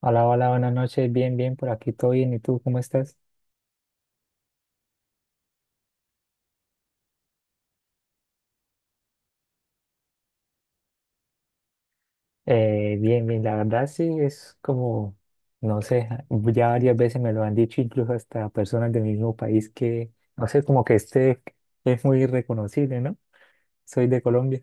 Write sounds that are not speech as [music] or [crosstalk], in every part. Hola, hola, buenas noches. Bien, bien, por aquí todo bien. ¿Y tú cómo estás? Bien, bien, la verdad sí es como, no sé, ya varias veces me lo han dicho, incluso hasta personas del mismo país que, no sé, como que este es muy reconocible, ¿no? Soy de Colombia.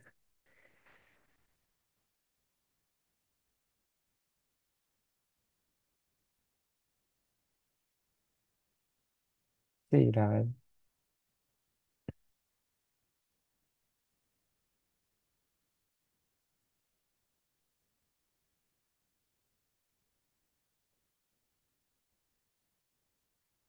Sí, la verdad.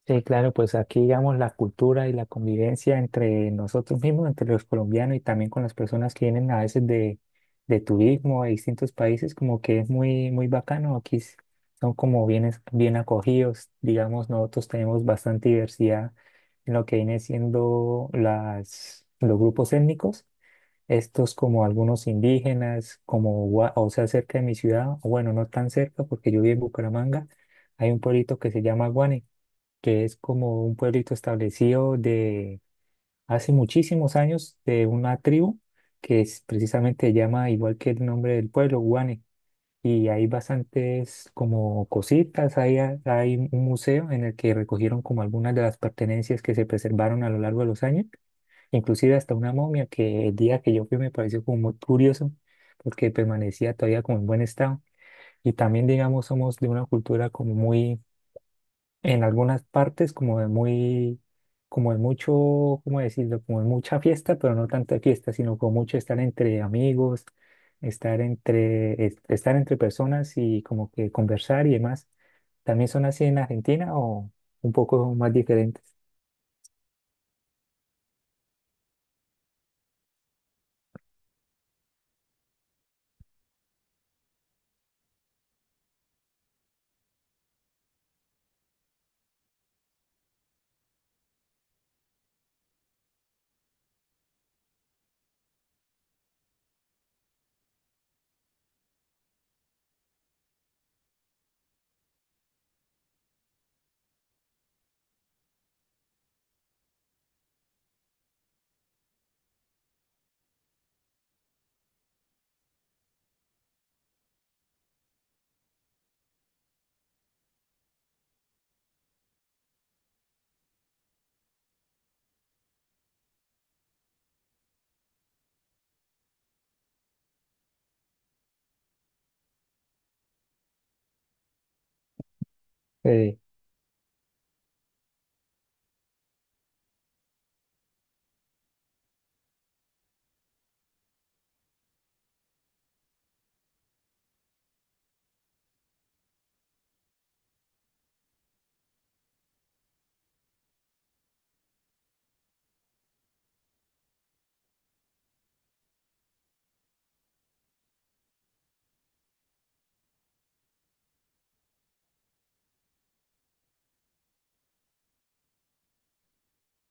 Sí, claro, pues aquí digamos la cultura y la convivencia entre nosotros mismos, entre los colombianos y también con las personas que vienen a veces de turismo de distintos países, como que es muy, muy bacano. Aquí son como bien, bien acogidos, digamos, nosotros tenemos bastante diversidad en lo que viene siendo las, los grupos étnicos, estos como algunos indígenas, como, o sea, cerca de mi ciudad, o bueno, no tan cerca porque yo vivo en Bucaramanga, hay un pueblito que se llama Guane que es como un pueblito establecido de hace muchísimos años de una tribu que es, precisamente se llama igual que el nombre del pueblo, Guane. Y hay bastantes como cositas, hay, hay un museo en el que recogieron como algunas de las pertenencias que se preservaron a lo largo de los años, inclusive hasta una momia que el día que yo fui me pareció como muy curioso porque permanecía todavía como en buen estado. Y también, digamos, somos de una cultura como muy en algunas partes como de muy, como de mucho, ¿cómo decirlo? Como de mucha fiesta, pero no tanta fiesta, sino como mucho estar entre amigos, estar entre personas y como que conversar y demás. ¿También son así en Argentina o un poco más diferentes? Eh,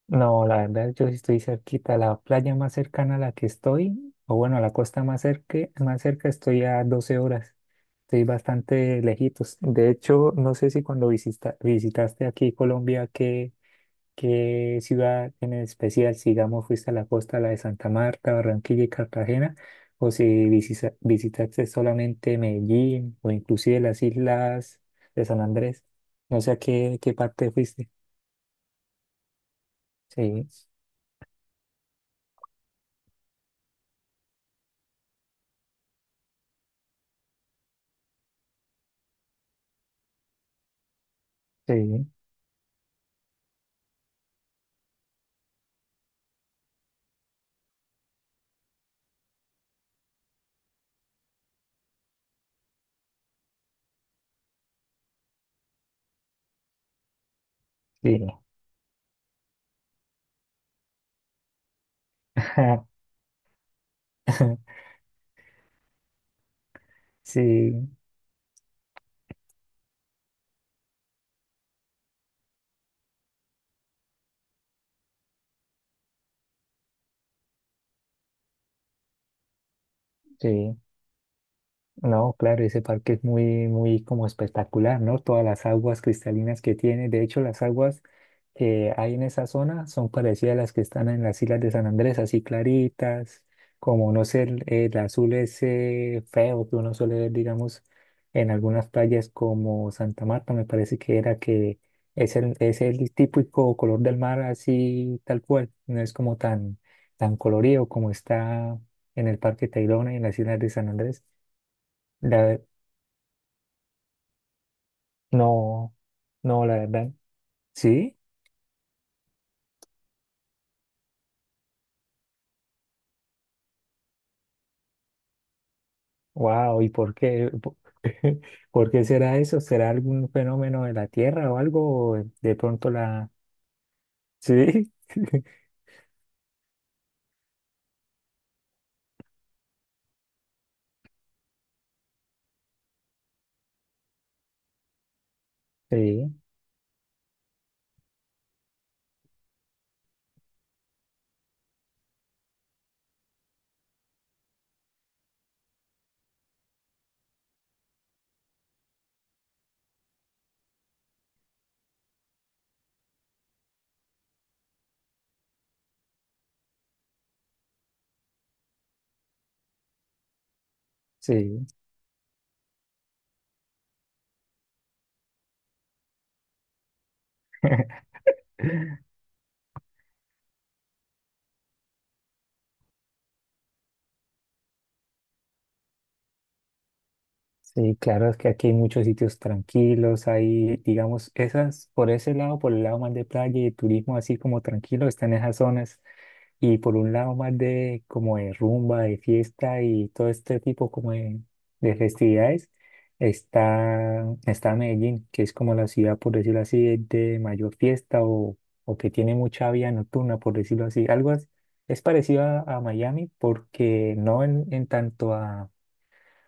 No, la verdad, yo sí estoy cerquita. La playa más cercana a la que estoy, o bueno, a la costa más cerca estoy a 12 horas. Estoy bastante lejitos. De hecho, no sé si cuando visitaste aquí Colombia, qué ciudad en especial, si digamos fuiste a la costa, la de Santa Marta, Barranquilla y Cartagena, o si visitaste solamente Medellín o inclusive las islas de San Andrés. No sé a qué parte fuiste. Sí, sí, sí. [laughs] Sí, sí. No, claro, ese parque es muy, muy como espectacular, ¿no? Todas las aguas cristalinas que tiene. De hecho, las aguas que hay en esa zona son parecidas a las que están en las islas de San Andrés, así claritas, como no sé, el azul ese feo que uno suele ver, digamos, en algunas playas como Santa Marta, me parece que era que es el típico color del mar así tal cual, no es como tan, tan colorido como está en el Parque Tayrona y en las islas de San Andrés. La No, no, la verdad. Sí, wow, ¿y por qué? ¿Por [laughs] por qué será eso? ¿Será algún fenómeno de la Tierra o algo? ¿O de pronto la? Sí, [laughs] sí, sí. [laughs] Sí, claro, es que aquí hay muchos sitios tranquilos, hay, digamos, esas, por ese lado, por el lado más de playa y de turismo, así como tranquilo, están esas zonas. Y por un lado más de como de rumba, de fiesta y todo este tipo como de festividades, está Medellín, que es como la ciudad, por decirlo así, de mayor fiesta o que tiene mucha vida nocturna, por decirlo así. Algo es parecido a, Miami porque no en tanto a,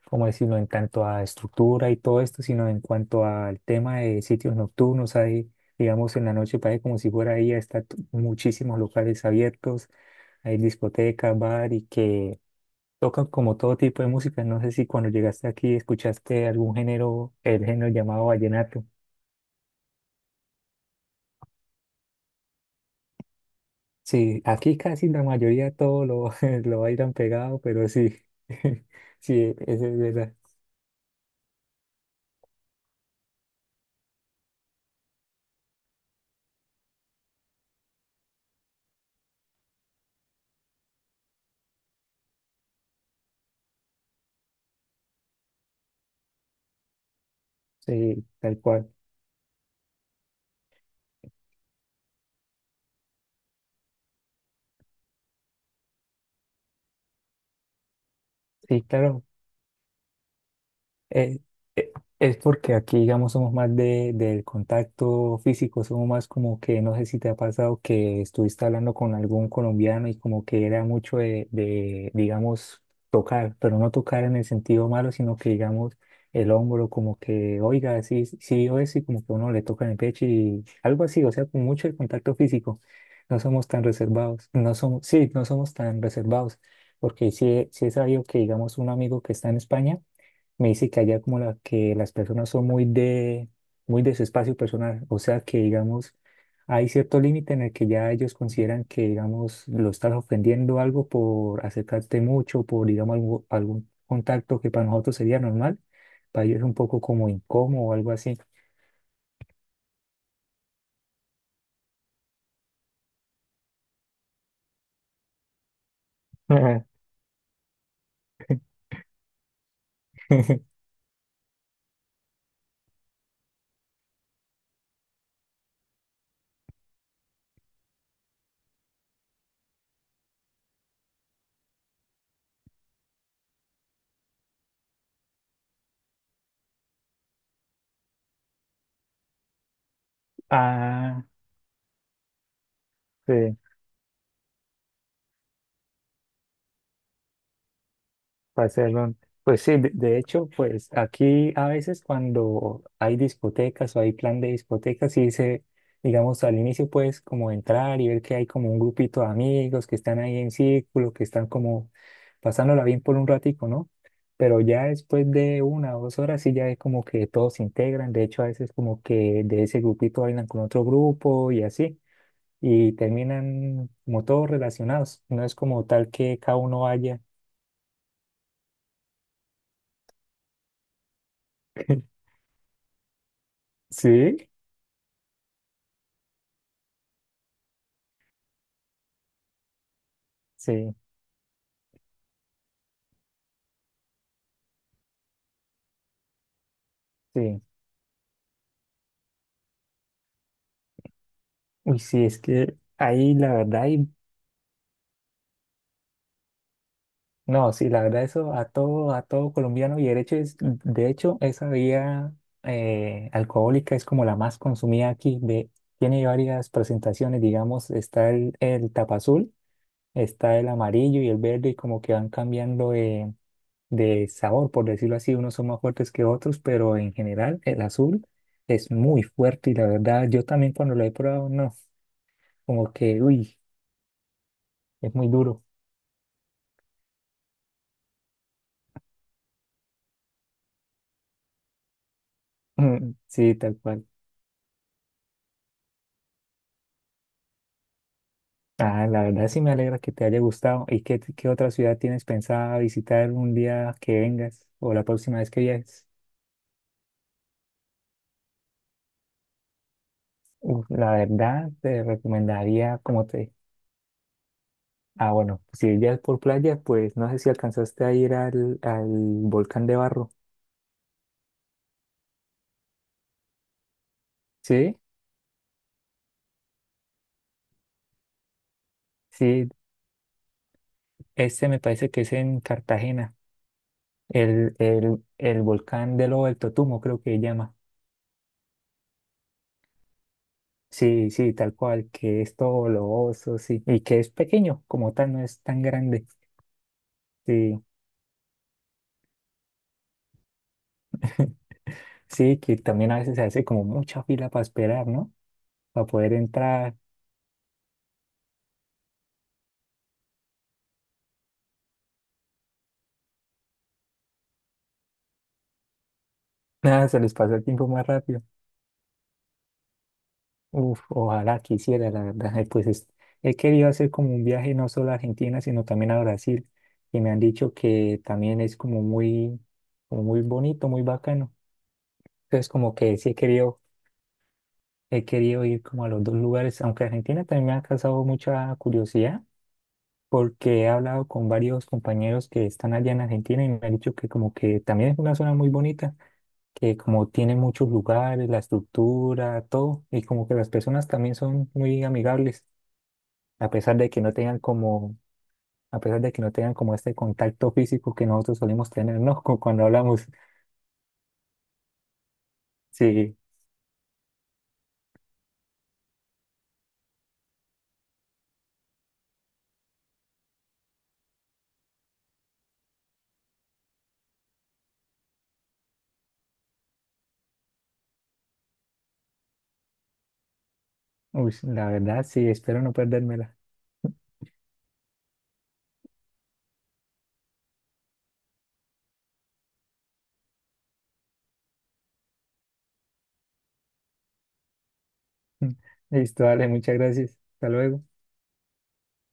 ¿cómo decirlo?, en tanto a estructura y todo esto, sino en cuanto al tema de sitios nocturnos, hay, digamos, en la noche parece como si fuera ahí, está muchísimos locales abiertos hay discoteca, bar y que tocan como todo tipo de música. No sé si cuando llegaste aquí escuchaste algún género, el género llamado vallenato. Sí, aquí casi la mayoría todo lo, [laughs] lo bailan pegado, pero sí, [laughs] sí, eso es verdad, sí, tal cual. Sí, claro, Eh, eh, es porque aquí, digamos, somos más de, del contacto físico, somos más como que, no sé si te ha pasado que estuviste hablando con algún colombiano y como que era mucho de, digamos, tocar, pero no tocar en el sentido malo, sino que, digamos, el hombro como que, oiga, sí, sí, o y como que uno le toca en el pecho y algo así, o sea, con mucho el contacto físico. No somos tan reservados, no somos, sí, no somos tan reservados, porque sí, sí es sabido que, digamos, un amigo que está en España, me dice que allá como la, que las personas son muy de su espacio personal, o sea que digamos, hay cierto límite en el que ya ellos consideran que digamos lo estás ofendiendo algo por acercarte mucho, por digamos algún contacto que para nosotros sería normal, para ellos es un poco como incómodo o algo así. Ajá. [laughs] Ah, sí. Para hacerlo, pues sí, de hecho, pues aquí a veces cuando hay discotecas o hay plan de discotecas, sí se, digamos, al inicio puedes como entrar y ver que hay como un grupito de amigos que están ahí en círculo, que están como pasándola bien por un ratico, ¿no? Pero ya después de 1 o 2 horas sí ya es como que todos se integran, de hecho a veces como que de ese grupito bailan con otro grupo y así, y terminan como todos relacionados, no es como tal que cada uno vaya. [laughs] Sí, sí, sí. Uy, sí, es que ahí la verdad, no, sí, la verdad eso a todo colombiano y derecho es, de hecho, esa bebida alcohólica es como la más consumida aquí, de, tiene varias presentaciones, digamos, está el tapa azul, está el amarillo y el verde y como que van cambiando de sabor, por decirlo así, unos son más fuertes que otros, pero en general el azul es muy fuerte y la verdad, yo también cuando lo he probado, no, como que, uy, es muy duro. [laughs] Sí, tal cual. Ah, la verdad sí me alegra que te haya gustado. ¿Y qué, qué otra ciudad tienes pensada visitar un día que vengas o la próxima vez que viajes? Uf, la verdad te recomendaría, como te... Ah, bueno, si ya es por playa, pues no sé si alcanzaste a ir al volcán de Barro. Sí, sí, este me parece que es en Cartagena, el volcán de Lobo del Totumo, creo que se llama. Sí, sí, tal cual, que es todo globoso, sí, y que es pequeño, como tal, no es tan grande. Sí, sí, que también a veces se hace como mucha fila para esperar, ¿no? Para poder entrar. [laughs] Nada, se les pasa el tiempo más rápido. Uf, ojalá quisiera, la verdad. Pues he querido hacer como un viaje no solo a Argentina, sino también a Brasil, y me han dicho que también es como muy, bonito, muy bacano. Entonces, como que sí he querido ir como a los dos lugares, aunque Argentina también me ha causado mucha curiosidad porque he hablado con varios compañeros que están allá en Argentina y me han dicho que como que también es una zona muy bonita, que como tiene muchos lugares, la estructura, todo, y como que las personas también son muy amigables, a pesar de que no tengan como, a pesar de que no tengan como este contacto físico que nosotros solemos tener, ¿no? [laughs] Cuando hablamos. Sí, uy, la verdad, sí, espero no perdérmela. [laughs] Listo, dale, muchas gracias. Hasta luego.